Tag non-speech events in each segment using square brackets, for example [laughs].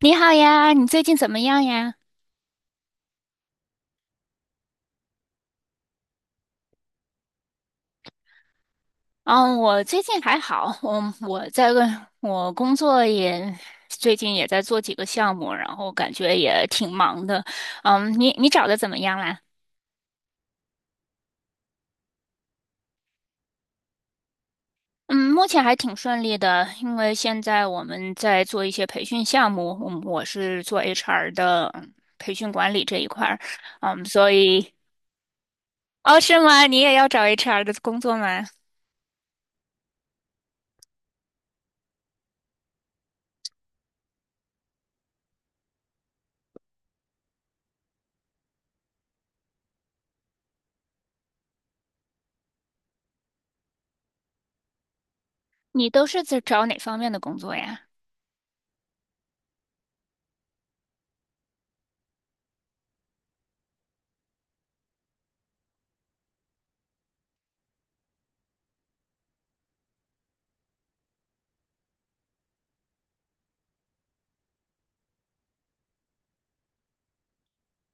你好呀，你最近怎么样呀？嗯，我最近还好，嗯，我在问，我工作也最近也在做几个项目，然后感觉也挺忙的。你找的怎么样啦？嗯，目前还挺顺利的，因为现在我们在做一些培训项目，我是做 HR 的培训管理这一块儿，所以。哦，是吗？你也要找 HR 的工作吗？你都是在找哪方面的工作呀？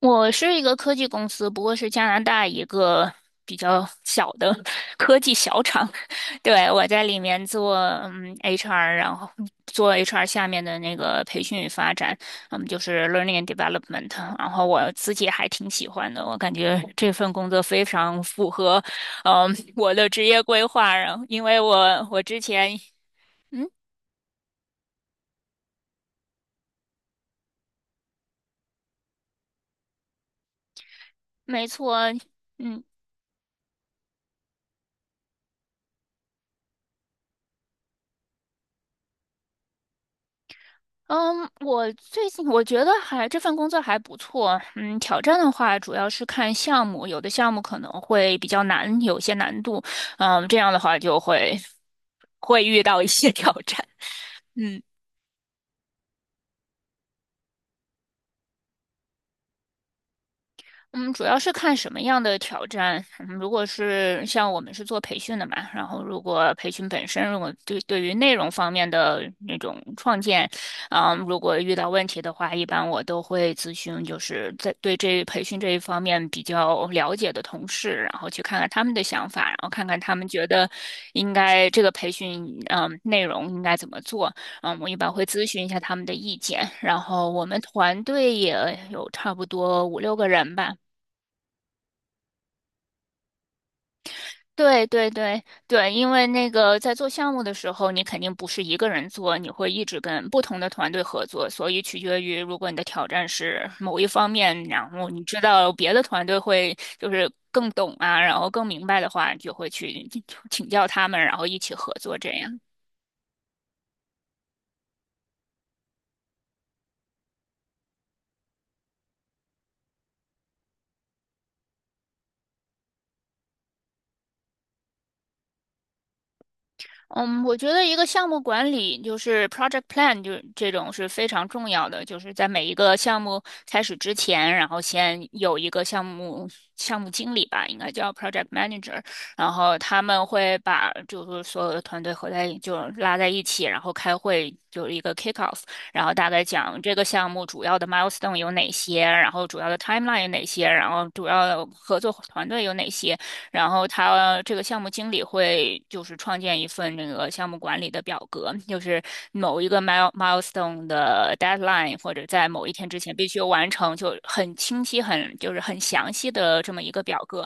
我是一个科技公司，不过是加拿大一个比较小的 [laughs] 科技小厂。[laughs] 对，我在里面做HR，然后做 HR 下面的那个培训与发展，就是 learning and development。然后我自己还挺喜欢的，我感觉这份工作非常符合我的职业规划。然后因为我之前。嗯没错。嗯，嗯，我最近我觉得还这份工作还不错。嗯，挑战的话主要是看项目，有的项目可能会比较难，有些难度。这样的话就会遇到一些挑战。[laughs] 嗯。嗯，主要是看什么样的挑战。嗯如果是像我们是做培训的嘛，然后如果培训本身，如果对于内容方面的那种创建，啊，如果遇到问题的话，一般我都会咨询，就是在对这培训这一方面比较了解的同事，然后去看看他们的想法，然后看看他们觉得应该这个培训，内容应该怎么做。我一般会咨询一下他们的意见。然后我们团队也有差不多五六个人吧。对对对对，因为那个在做项目的时候，你肯定不是一个人做，你会一直跟不同的团队合作，所以取决于如果你的挑战是某一方面，然后你知道别的团队会就是更懂啊，然后更明白的话，你就会去请教他们，然后一起合作这样。嗯，我觉得一个项目管理就是 project plan，就是这种是非常重要的，就是在每一个项目开始之前，然后先有一个项目经理吧，应该叫 project manager，然后他们会把就是所有的团队合在一就拉在一起，然后开会，就是一个 kick off，然后大概讲这个项目主要的 milestone 有哪些，然后主要的 timeline 有哪些，然后主要的合作团队有哪些。然后他这个项目经理会就是创建一份那个项目管理的表格，就是某一个 milestone 的 deadline 或者在某一天之前必须完成，就很清晰、很就是很详细的这么一个表格。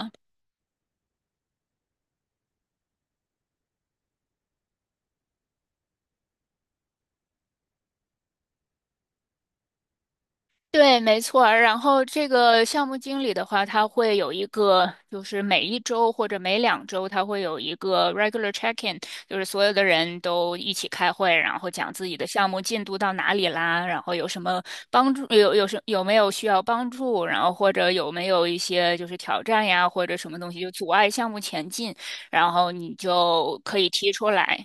对，没错儿。然后这个项目经理的话，他会有一个，就是每一周或者每两周，他会有一个 regular check-in，就是所有的人都一起开会，然后讲自己的项目进度到哪里啦，然后有什么帮助，有没有需要帮助，然后或者有没有一些就是挑战呀，或者什么东西就阻碍项目前进，然后你就可以提出来。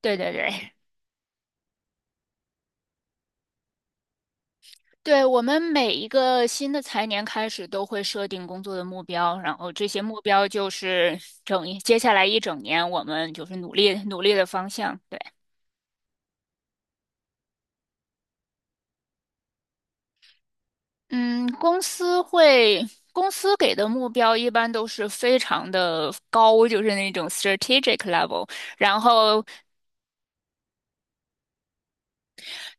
对对对。对，我们每一个新的财年开始都会设定工作的目标，然后这些目标就是接下来一整年我们就是努力努力的方向。对，嗯，公司会，公司给的目标一般都是非常的高，就是那种 strategic level。然后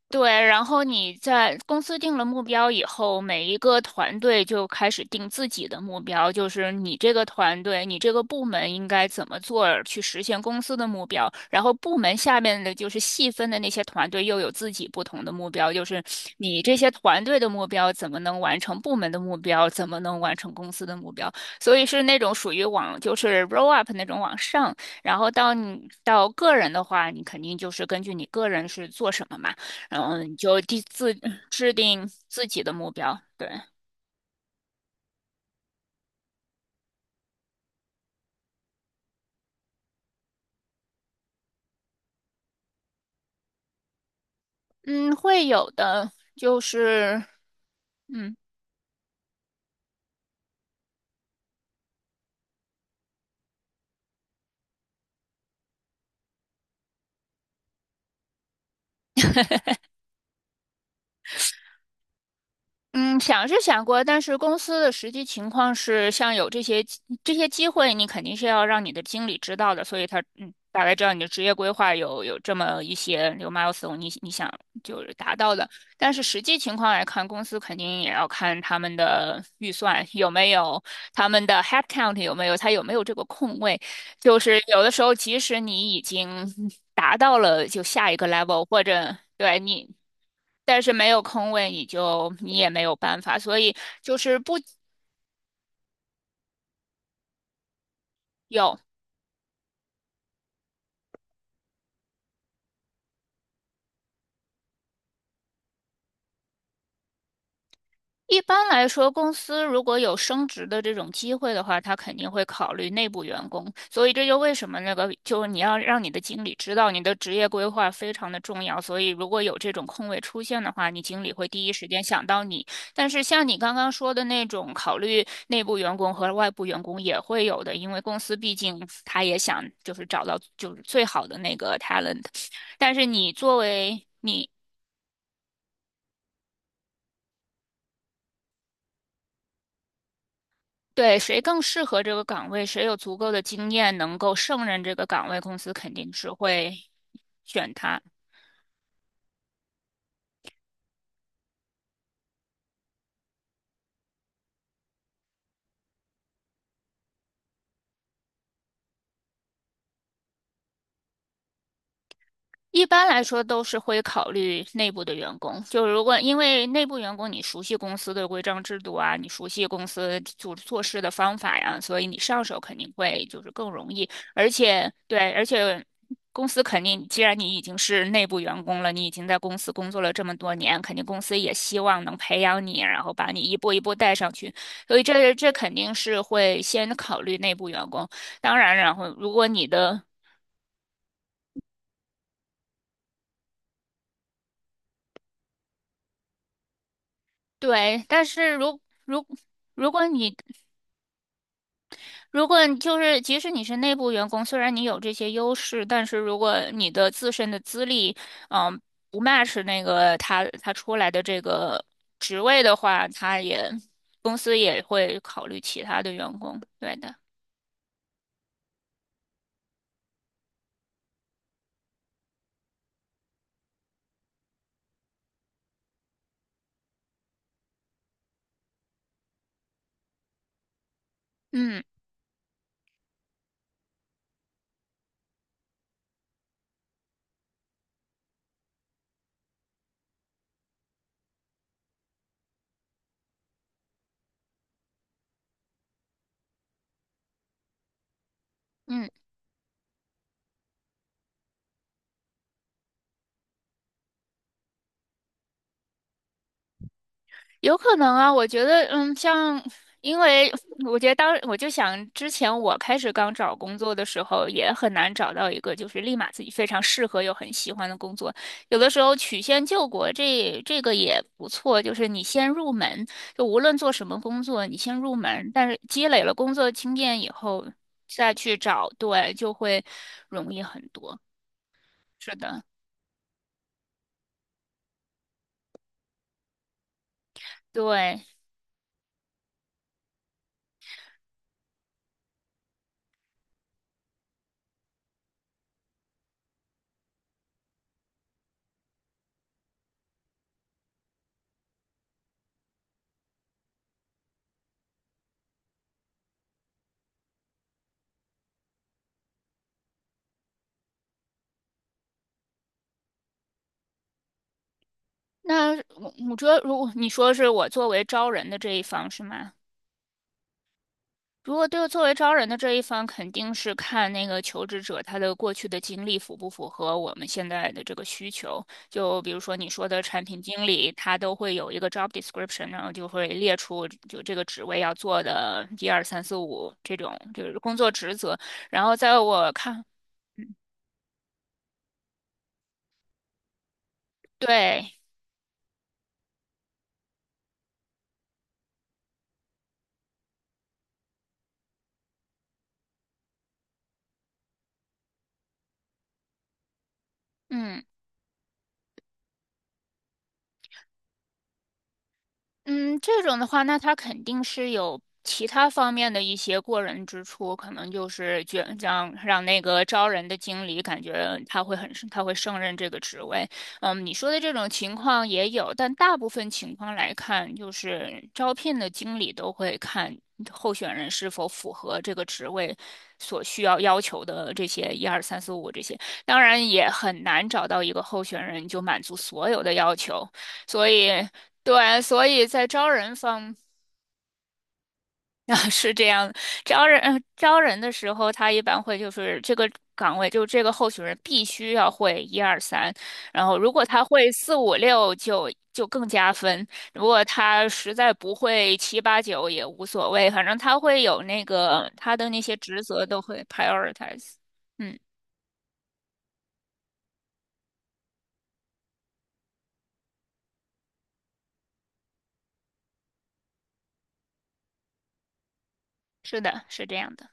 对，然后你在公司定了目标以后，每一个团队就开始定自己的目标，就是你这个团队、你这个部门应该怎么做儿去实现公司的目标。然后部门下面的就是细分的那些团队又有自己不同的目标，就是你这些团队的目标怎么能完成部门的目标，怎么能完成公司的目标。所以是那种属于往就是 roll up 那种往上，然后到你到个人的话，你肯定就是根据你个人是做什么嘛。然后你就制定自己的目标。对，嗯，会有的，就是。嗯。嗯，想是想过，但是公司的实际情况是，像有这些机会，你肯定是要让你的经理知道的，所以他大概知道你的职业规划有这么一些有 milestone，你想就是达到的。但是实际情况来看，公司肯定也要看他们的预算有没有，他们的 headcount 有没有，他有没有这个空位。就是有的时候，即使你已经达到了就下一个 level，或者对你。但是没有空位，你也没有办法，所以就是不有一般来说，公司如果有升职的这种机会的话，他肯定会考虑内部员工。所以这就为什么那个，就是你要让你的经理知道你的职业规划非常的重要。所以如果有这种空位出现的话，你经理会第一时间想到你。但是像你刚刚说的那种考虑内部员工和外部员工也会有的，因为公司毕竟他也想就是找到就是最好的那个 talent。但是你作为你对，谁更适合这个岗位，谁有足够的经验能够胜任这个岗位，公司肯定是会选他。一般来说都是会考虑内部的员工，就如果因为内部员工你熟悉公司的规章制度啊，你熟悉公司做事的方法呀，所以你上手肯定会就是更容易，而且对，而且公司肯定，既然你已经是内部员工了，你已经在公司工作了这么多年，肯定公司也希望能培养你，然后把你一步一步带上去，所以这肯定是会先考虑内部员工。当然，然后如果你的对，但是如如如果你如果你就是即使你是内部员工，虽然你有这些优势，但是如果你的自身的资历，嗯，不 match 那个他出来的这个职位的话，公司也会考虑其他的员工。对的。嗯嗯。有可能啊，我觉得，因为我觉得我就想之前我开始刚找工作的时候，也很难找到一个就是立马自己非常适合又很喜欢的工作。有的时候曲线救国这个也不错，就是你先入门，就无论做什么工作，你先入门，但是积累了工作经验以后，再去找，对，就会容易很多。是的，对。那我觉得，如果你说是我作为招人的这一方是吗？如果对作为招人的这一方，肯定是看那个求职者他的过去的经历符不符合我们现在的这个需求。就比如说你说的产品经理，他都会有一个 job description，然后就会列出就这个职位要做的一二三四五这种就是工作职责。然后在我看，嗯对，嗯。嗯，这种的话，那他肯定是有其他方面的一些过人之处，可能就是让那个招人的经理感觉他会胜任这个职位。你说的这种情况也有，但大部分情况来看，就是招聘的经理都会看候选人是否符合这个职位所需要要求的这些一二三四五这些。当然，也很难找到一个候选人就满足所有的要求。所以对。所以在招人方 [laughs] 啊，是这样的。招人的时候，他一般会就是这个岗位，就这个候选人必须要会一二三，然后如果他会四五六就更加分，如果他实在不会七八九也无所谓，反正他会有那个他的那些职责都会 prioritize。嗯，是的，是这样的。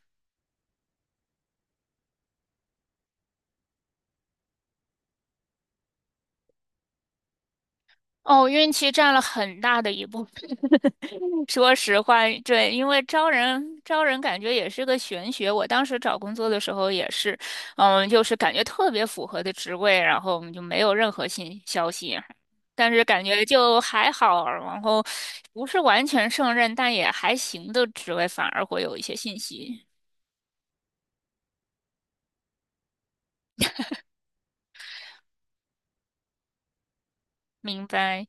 哦，运气占了很大的一部分。说实话，对，因为招人感觉也是个玄学。我当时找工作的时候也是，就是感觉特别符合的职位，然后我们就没有任何新消息，但是感觉就还好，然后不是完全胜任，但也还行的职位，反而会有一些信息。明白。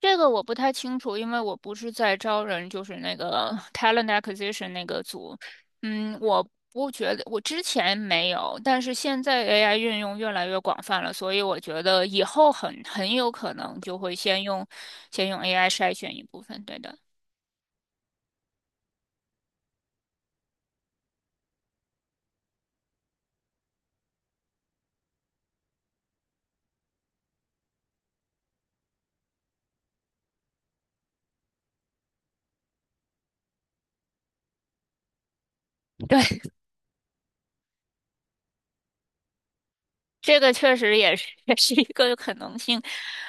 这个我不太清楚，因为我不是在招人，就是那个 talent acquisition 那个组。我不觉得，我之前没有，但是现在 AI 运用越来越广泛了，所以我觉得以后很有可能就会先用 AI 筛选一部分。对的，对，[laughs] 这个确实也是一个可能性。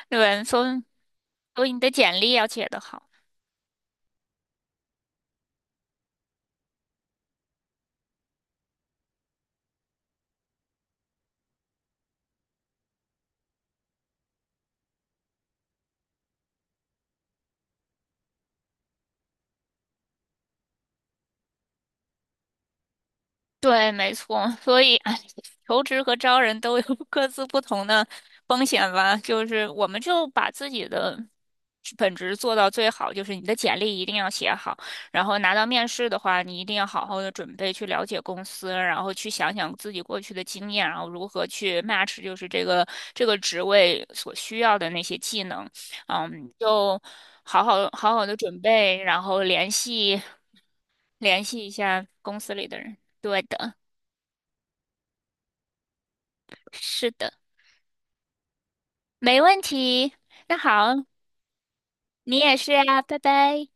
对，所以你的简历要写得好。对，没错，所以哎，求职和招人都有 [laughs] 各自不同的风险吧。就是我们就把自己的本职做到最好，就是你的简历一定要写好，然后拿到面试的话，你一定要好好的准备，去了解公司，然后去想想自己过去的经验，然后如何去 match 就是这个职位所需要的那些技能。嗯，就好好的准备，然后联系一下公司里的人。对的。是的，没问题。那好，你也是啊，拜拜。